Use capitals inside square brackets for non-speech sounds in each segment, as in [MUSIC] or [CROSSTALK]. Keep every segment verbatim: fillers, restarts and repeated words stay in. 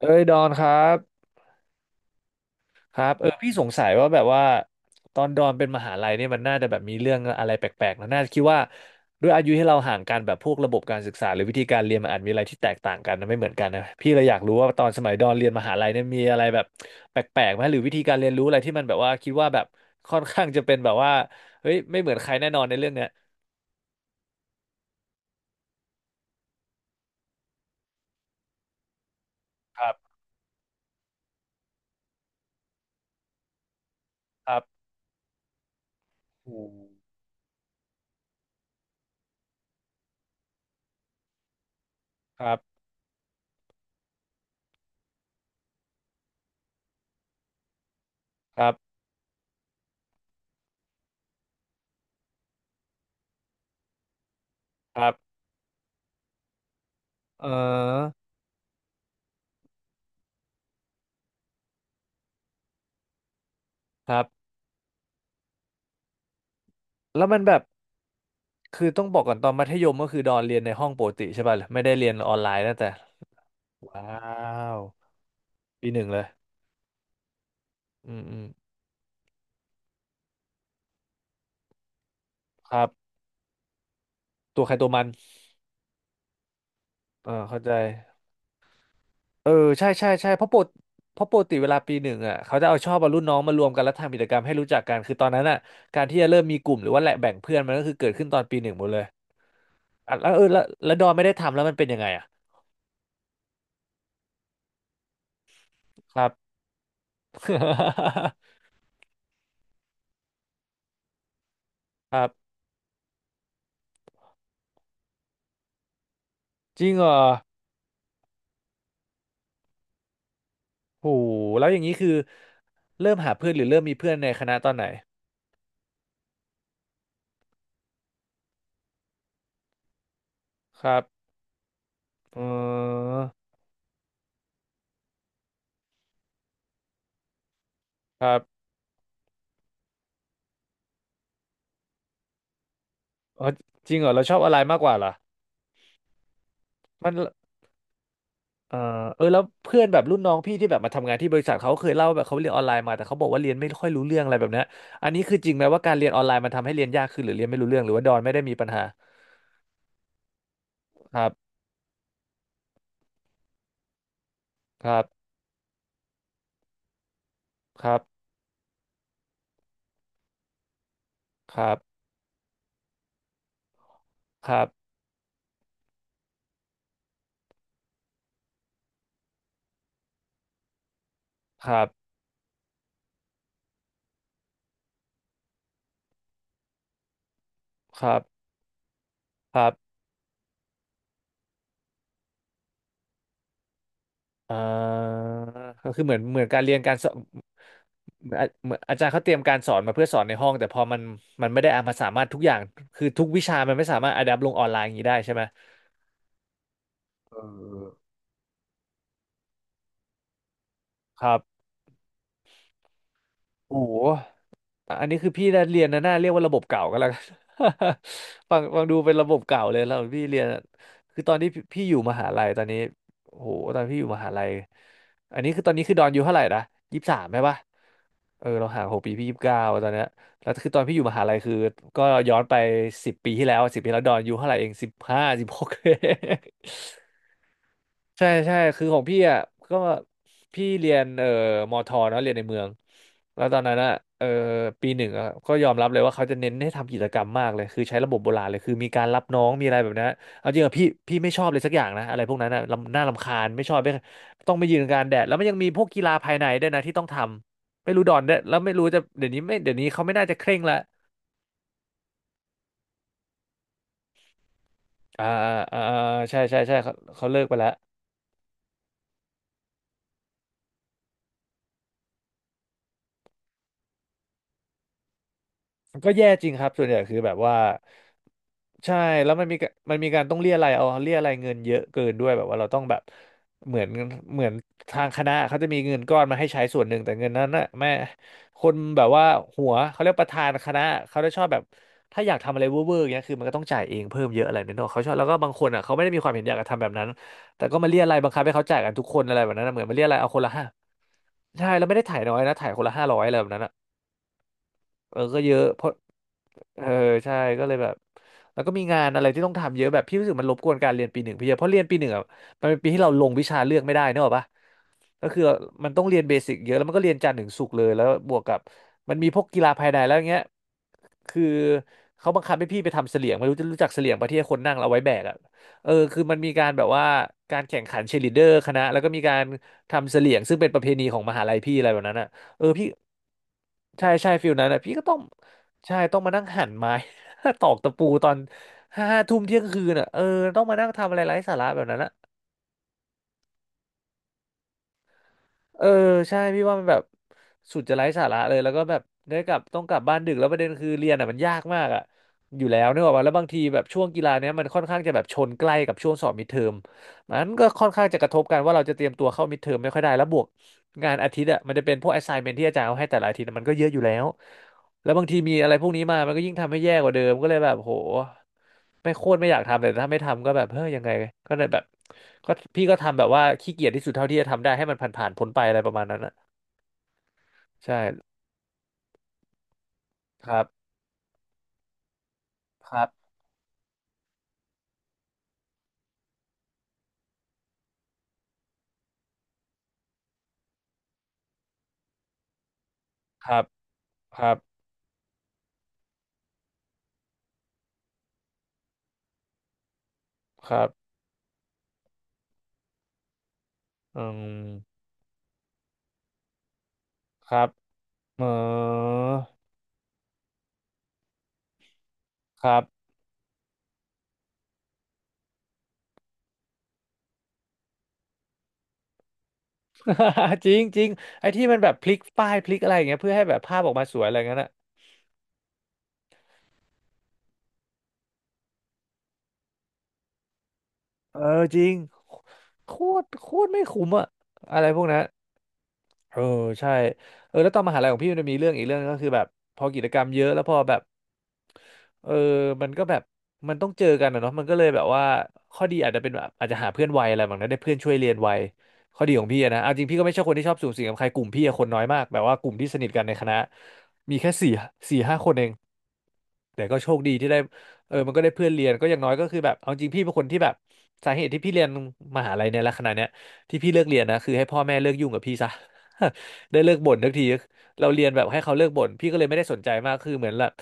เอ้ยดอนครับครับเออพี่สงสัยว่าแบบว่าตอนดอนเป็นมหาลัยเนี่ยมันน่าจะแบบมีเรื่องอะไรแปลกๆนะน่าจะคิดว่าด้วยอายุที่เราห่างกันแบบพวกระบบการศึกษาหรือวิธีการเรียนมันอาจมีอะไรที่แตกต่างกันนะไม่เหมือนกันนะพี่เลยอยากรู้ว่าตอนสมัยดอนเรียนมหาลัยเนี่ยมีอะไรแบบแปลกๆไหมหรือวิธีการเรียนรู้อะไรที่มันแบบว่าคิดว่าแบบค่อนข้างจะเป็นแบบว่าเฮ้ยไม่เหมือนใครแน่นอนในเรื่องเนี้ยครับครับโอ้ครับครับครับเออครับแล้วมันแบบ คือต้องบอกก่อนตอนมัธยมก็คือดอนเรียนในห้องปกติใช่ป่ะไม่ได้เรียนออนไลน์ตั้งแต่ว้าวปีหนึ่งเลยอืมอืมครับตัวใครตัวมันเออเข้าใจเออใช่ใช่ใช่เพราะปกเพราะปกติเวลาปีหนึ่งอ่ะเขาจะเอาชอบเอารุ่นน้องมารวมกันแล้วทำกิจกรรมให้รู้จักกันคือตอนนั้นอ่ะการที่จะเริ่มมีกลุ่มหรือว่าแหละแบ่งเพื่อนมันก็คือเกิดขึ้นตอนปีหนึ่งหมดเลยอ่ะแล้วเออแล้วแล้วดอนไม่ได้ทำแล้วมันเป็นยังไงอ่ะครับ [LAUGHS] ครับจริงเหรอโหแล้วอย่างนี้คือเริ่มหาเพื่อนหรือเริ่มมีเพื่อนในคณะตอนไหน ครับเออครับเออจริงเหรอเราชอบอะไรมากกว่าเหรอมันเออเออแล้วเพื่อนแบบรุ่นน้องพี่ที่แบบมาทำงานที่บริษัทเขาเคยเล่าแบบเขาเรียนออนไลน์มาแต่เขาบอกว่าเรียนไม่ค่อยรู้เรื่องอะไรแบบเนี้ยอันนี้คือจริงไหมว่าการเรียนออนไลน์มันทำให้เรียนยากขึ้นหรือเรียนไม่รู้เรื่องหรือว่าดอนไม่ได้มีปัญหาครับครับครับครับครับครับครับครับอ่าก็คือเหมือนเหมือนการเรียนการสอน เหมือนอาเหมือนอาจารย์เขาเตรียมการสอนมาเพื่อสอนในห้องแต่พอมันมันไม่ได้เอามาสามารถทุกอย่างคือทุกวิชามันไม่สามารถอะแดปลงออนไลน์อย่างนี้ได้ใช่ไหมเออครับโอ้โห อ่ะอันนี้คือพี่เรียนนะน่าเรียกว่าระบบเก่าก็แล้วกัน [LAUGHS] ฟังฟังดูเป็นระบบเก่าเลยแล้วพี่เรียนอะคือตอนที่พี่พี่อยู่มหาลัยตอนนี้โอ้โหตอนพี่อยู่มหาลัยอันนี้คือตอนนี้คือดอนอายู่เท่าไหร่นะยี่สิบสามใช่ปะเออเราห่างหกปีพี่ยี่สิบเก้าตอนเนี้ยแล้วคือตอนพี่อยู่มหาลัยคือก็ย้อนไปสิบปีที่แล้วสิบปีแล้วดอนอายู่เท่าไหร่เองสิบห้าสิบหก [LAUGHS] ใช่ใช่คือของพี่อ่ะก็พี่เรียนเอ่อมอทอเนาะเรียนในเมืองแล้วตอนนั้นอ่ะเอ่อปีหนึ่งอะก็ยอมรับเลยว่าเขาจะเน้นให้ทำกิจกรรมมากเลยคือใช้ระบบโบราณเลยคือมีการรับน้องมีอะไรแบบนั้นเอาจริงอะพี่พี่ไม่ชอบเลยสักอย่างนะอะไรพวกนั้นอ่ะรำน่ารำคาญไม่ชอบไม่ต้องไปยืนกลางแดดแล้วมันยังมีพวกกีฬาภายในด้วยนะที่ต้องทำไม่รู้ดอนด้วยแล้วไม่รู้จะเดี๋ยวนี้ไม่เดี๋ยวนี้เขาไม่น่าจะเคร่งละอ่าอ่าอ่าอ่าใช่ใช่ใช่เขาเขาเลิกไปแล้ว ก็แย่จริงครับส่วนใหญ่คือแบบว่าใช่แล้วมันมีกะมันมีการต้องเรียอะไรยเอาเรียอะไรยเงินเยอะเกินด้วยแบบว่าเราต้องแบบเหมือนเหมือนทางคณะเขาจะมีเงินก้อนมาให้ใช้ส่วนหนึ่งแต่เงินนั้นน่ะแม่คนแบบว่าหัวเขาเรียกประธานคณะเขาจะชอบแบบถ้าอยากทำอะไรเวอร์เอย่างเงี้ยคือมันก็ต้องจ่ายเองเพิ่มเยอะอะไรเนี่ยเนอะเขาชอบแล้วก็บางคนอ่ะเขาไม่ได้มีความเห็นอยากจะทำแบบนั้นแต่ก็มาเรียอะไรยบังคับให้เขาจ่ายกันทุกคนอะไรแบบนั้นนะเหมือนมาเรียอะไรยเอาคนละห้าใช่แล้วไม่ได้ถ่ายน้อยนะถ่ายคนละห้าร้อยอะไรแบบนั้นอะ เออ ก็เยอะเพราะเออ ใช่ก็เลยแบบ แล้วก็มีงานอะไรที่ต้องทำเยอะแบบ พี่รู้สึกมันรบกวนการเรียนปีหนึ่งพี่เยอะเพราะเรียนปีหนึ่งอ่ะมันเป็นปีที่เราลงวิชาเลือกไม่ได้เนกอะปะก็คือมันต้องเรียนเบสิกเยอะแล้วมันก็เรียนจันทร์ถึงศุกร์เลยแล้วบวกกับมันมีพวกกีฬาภายในแล้วอย่างเงี้ยคือเขาบังคับให้พี่ไปทำเสลี่ยงไม่รู้จะรู้จักเสลี่ยงปะที่ให้คนนั่งแล้วเอาไว้แบกอ่ะเออคือมันมีการแบบว่าการแข่งขันเชียร์ลีดเดอร์คณะแล้วก็มีการทำเสลี่ยงซึ่งเป็นประเพณีของมหาลัยพี่อะไรแบบนั้นอ่ะ เออพี่ใช่ใช่ฟิลนั้นแหละพี่ก็ต้องใช่ต้องมานั่งหั่นไม้ [LAUGHS] ตอกตะปูตอนห้าทุ่มเที่ยงคืนอ่ะเออต้องมานั่งทำอะไรไร้สาระแบบนั้นอะเออใช่พี่ว่ามันแบบสุดจะไร้สาระเลยแล้วก็แบบได้กลับต้องกลับบ้านดึกแล้วประเด็นคือเรียนอ่ะมันยากมากอ่ะอยู่แล้วนึกออกป่ะแล้วบางทีแบบช่วงกีฬาเนี้ยมันค่อนข้างจะแบบชนใกล้กับช่วงสอบมิดเทอมมันก็ค่อนข้างจะกระทบกันว่าเราจะเตรียมตัวเข้ามิดเทอมไม่ค่อยได้แล้วบวกงานอาทิตย์อ่ะมันจะเป็นพวก assignment ที่อาจารย์เอาให้แต่ละอาทิตย์อะมันก็เยอะอยู่แล้ว แล้วบางทีมีอะไรพวกนี้มามันก็ยิ่งทำให้แย่กว่าเดิมก็เลยแบบโหไม่โคตรไม่อยากทำแต่ถ้าไม่ทำก็แบบเฮ้ยยังไงก็เลยแบบก็พี่ก็ทำแบบว่าขี้เกียจที่สุดเท่าที่จะทำได้ให้มันผ่านๆพ้นไปอะไรประมาณนั้นอ่ะใช่ครับครับครับครับครับอืมครับเออครับ [LAUGHS] จริงจริงไอ้ที่มันแบบพลิกป้ายพลิกอะไรอย่างเงี้ยเพื่อให้แบบภาพออกมาสวยอะไรเงี้ยน่ะเออจริงโคตรโคตรไม่คุ้มอะอะไรพวกนั้น เออใช่เออแล้วตอนมหาลัยของพี่มันจะมีเรื่องอีกเรื่องนึงก็คือแบบพอกิจกรรมเยอะแล้วพอแบบเออมันก็แบบมันต้องเจอกันนะเนาะมันก็เลยแบบว่าข้อดีอาจจะเป็นแบบอาจจะหาเพื่อนไวอะไรแบบนั้นได้เพื่อนช่วยเรียนไวข้อดีของพี่อะนะเอาจริงพี่ก็ไม่ใช่คนที่ชอบสุงสิงกับใครกลุ่มพี่อะคนน้อยมากแบบว่ากลุ่มที่สนิทกันในคณะมีแค่สี่สี่ห้าคนเอง แต่ก็โชคดีที่ได้เออมันก็ได้เพื่อนเรียนก็อย่างน้อยก็คือแบบเอาจริงพี่เป็นคนที่แบบสาเหตุที่พี่เรียนมหาลัยเนี่ยและขนาดเนี้ยที่พี่เลิกเรียนนะคือให้พ่อแม่เลิกยุ่งกับพี่ซะ [LAUGHS] ได้เลิกบ่นทักทีเราเรียนแบบให้เขาเลิกบ่นพี่ก็เลยไม่ได้สนใจมากคือเหมือนแบบ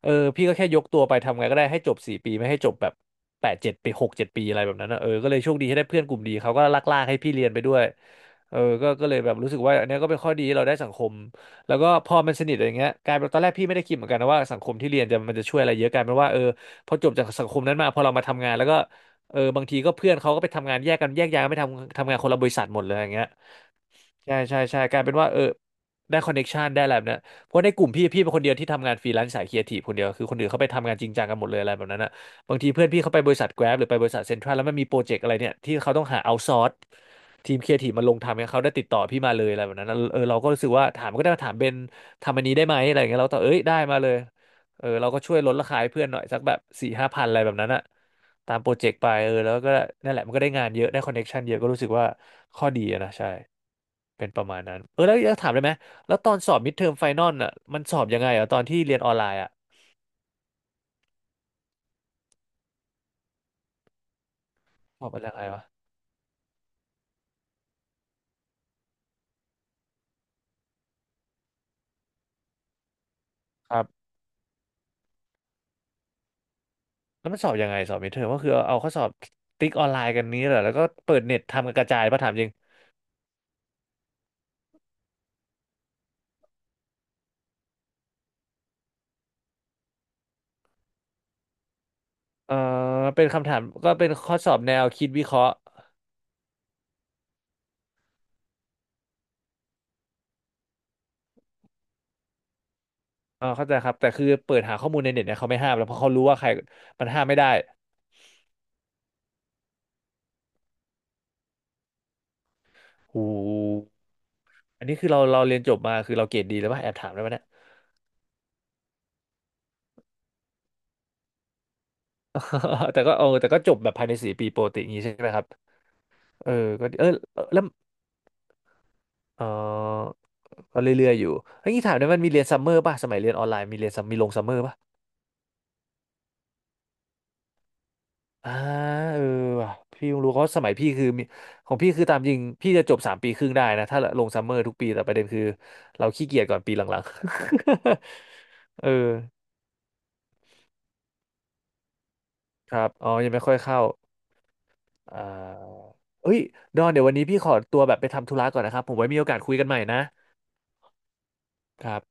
เออพี่ก็แค่ยกตัวไปทำไงก็ได้ให้จบสี่ปีไม่ให้จบแบบแปดเจ็ดปีหกเจ็ดปีอะไรแบบนั้นนะเออก็เลยโชคดีที่ได้เพื่อนกลุ่มดีเขาก็ลากลากให้พี่เรียนไปด้วยเออก็ก็เลยแบบรู้สึกว่าอันเนี้ยก็เป็นข้อดีที่เราได้สังคม แล้วก็พอมันสนิทอะไรเงี้ยกลายเป็นตอนแรกพี่ไม่ได้คิดเหมือนกันนะว่าสังคมที่เรียนจะมันจะช่วยอะไรเยอะกลายเป็นว่าเออพอจบจากสังคมนั้นมาพอเรามาทำงานแล้วก็เออบางทีก็เพื่อนเขาก็ไปทำงานแยกกันแยกย้ายกันไปทำทำงานคนละบริษัทหมดเลยอย่างเงี้ย ใช่ใช่ใช่กลายเป็นว่าเออได้คอนเน็กชันได้อะไรแบบเนี้ยเพราะในกลุ่มพี่พี่เป็นคนเดียวที่ทำงานฟรีแลนซ์สายครีเอทีฟคนเดียวคือคนอื่นเขาไปทำงานจริงจังกันหมดเลยอะไรแบบนั้นอ่ะบางทีเพื่อนพี่เขาไปบริษัท Grab หรือไปบริษัทเซ็นทรัลแล้วมันมีโปรเจกต์อะไรเนี่ยที่เขาต้องหาเอาซอร์สทีมครีเอทีฟมาลงทำเนี่ยเขาได้ติดต่อพี่มาเลยอะไรแบบนั้นอะเออเราก็รู้สึกว่าถามก็ได้มาถามเบนทำอันนี้ได้ไหมอะไรอย่างเงี้ยเราก็ตอบเอ้ยได้มาเลยเออเราก็ช่วยลดราคาให้เพื่อนหน่อยสักแบบสี่ห้าพันอะไรแบบนั้นอ่ะตามโปรเจกต์ไปเออแล้วก็นั่นแหละมันก็ได้งานเยอะได้คอนเน็กชันเยอะก็รู้สึกว่าข้อดีอะนะใช่ เป็นประมาณนั้นเออแล้วจะถามได้ไหมแล้วตอนสอบมิดเทอมไฟนอลอ่ะมันสอบยังไงอ่ะตอนที่เรียนออนไลน์อ่ะสอบเป็นยังไงวะครับแล้วมันสอบยังไงสอบมิดเทอมก็คือเอาข้อสอบติ๊กออนไลน์กันนี้เหรอแล้วก็เปิดเน็ตทำกันกระจายป่ะถามจริงเออเป็นคำถามก็เป็นข้อสอบแนวคิดวิเคราะห์เออเข้าใจครับแต่คือเปิดหาข้อมูลในเน็ตเนี่ยเขาไม่ห้ามแล้วเพราะเขารู้ว่าใครมันห้ามไม่ได้หูอันนี้คือเราเราเรียนจบมาคือเราเกรดดีแล้วป่ะแอบถามได้ไหมเนี่ย [LAUGHS] แต่ก็เออแต่ก็จบแบบภายในสี่ปีโปรติอย่างงี้ใช่ไหมครับเออก็ดีเออแล้ว เออก็เรื่อยๆอยู่เฮ้ยนี่ถามได้มันมีเรียนซัมเมอร์ป่ะสมัยเรียนออนไลน์มีเรียนมมีลงซัมเมอร์ป่ะอ่าเออว่ะพี่เพิ่งรู้เขาะสมัยพี่คือมีของพี่คือตามจริงพี่จะจบสามปีครึ่งได้นะถ้าลงซัมเมอร์ทุกปีแต่ประเด็นคือเราขี้เกียจก่อนปีหลังๆ [LAUGHS] เออครับอ๋อยังไม่ค่อยเข้าอ่าเอ้ยดอนเดี๋ยววันนี้พี่ขอตัวแบบไปทำธุระก่อนนะครับผมไว้มีโอกาสคุยกันใหม่นะครับ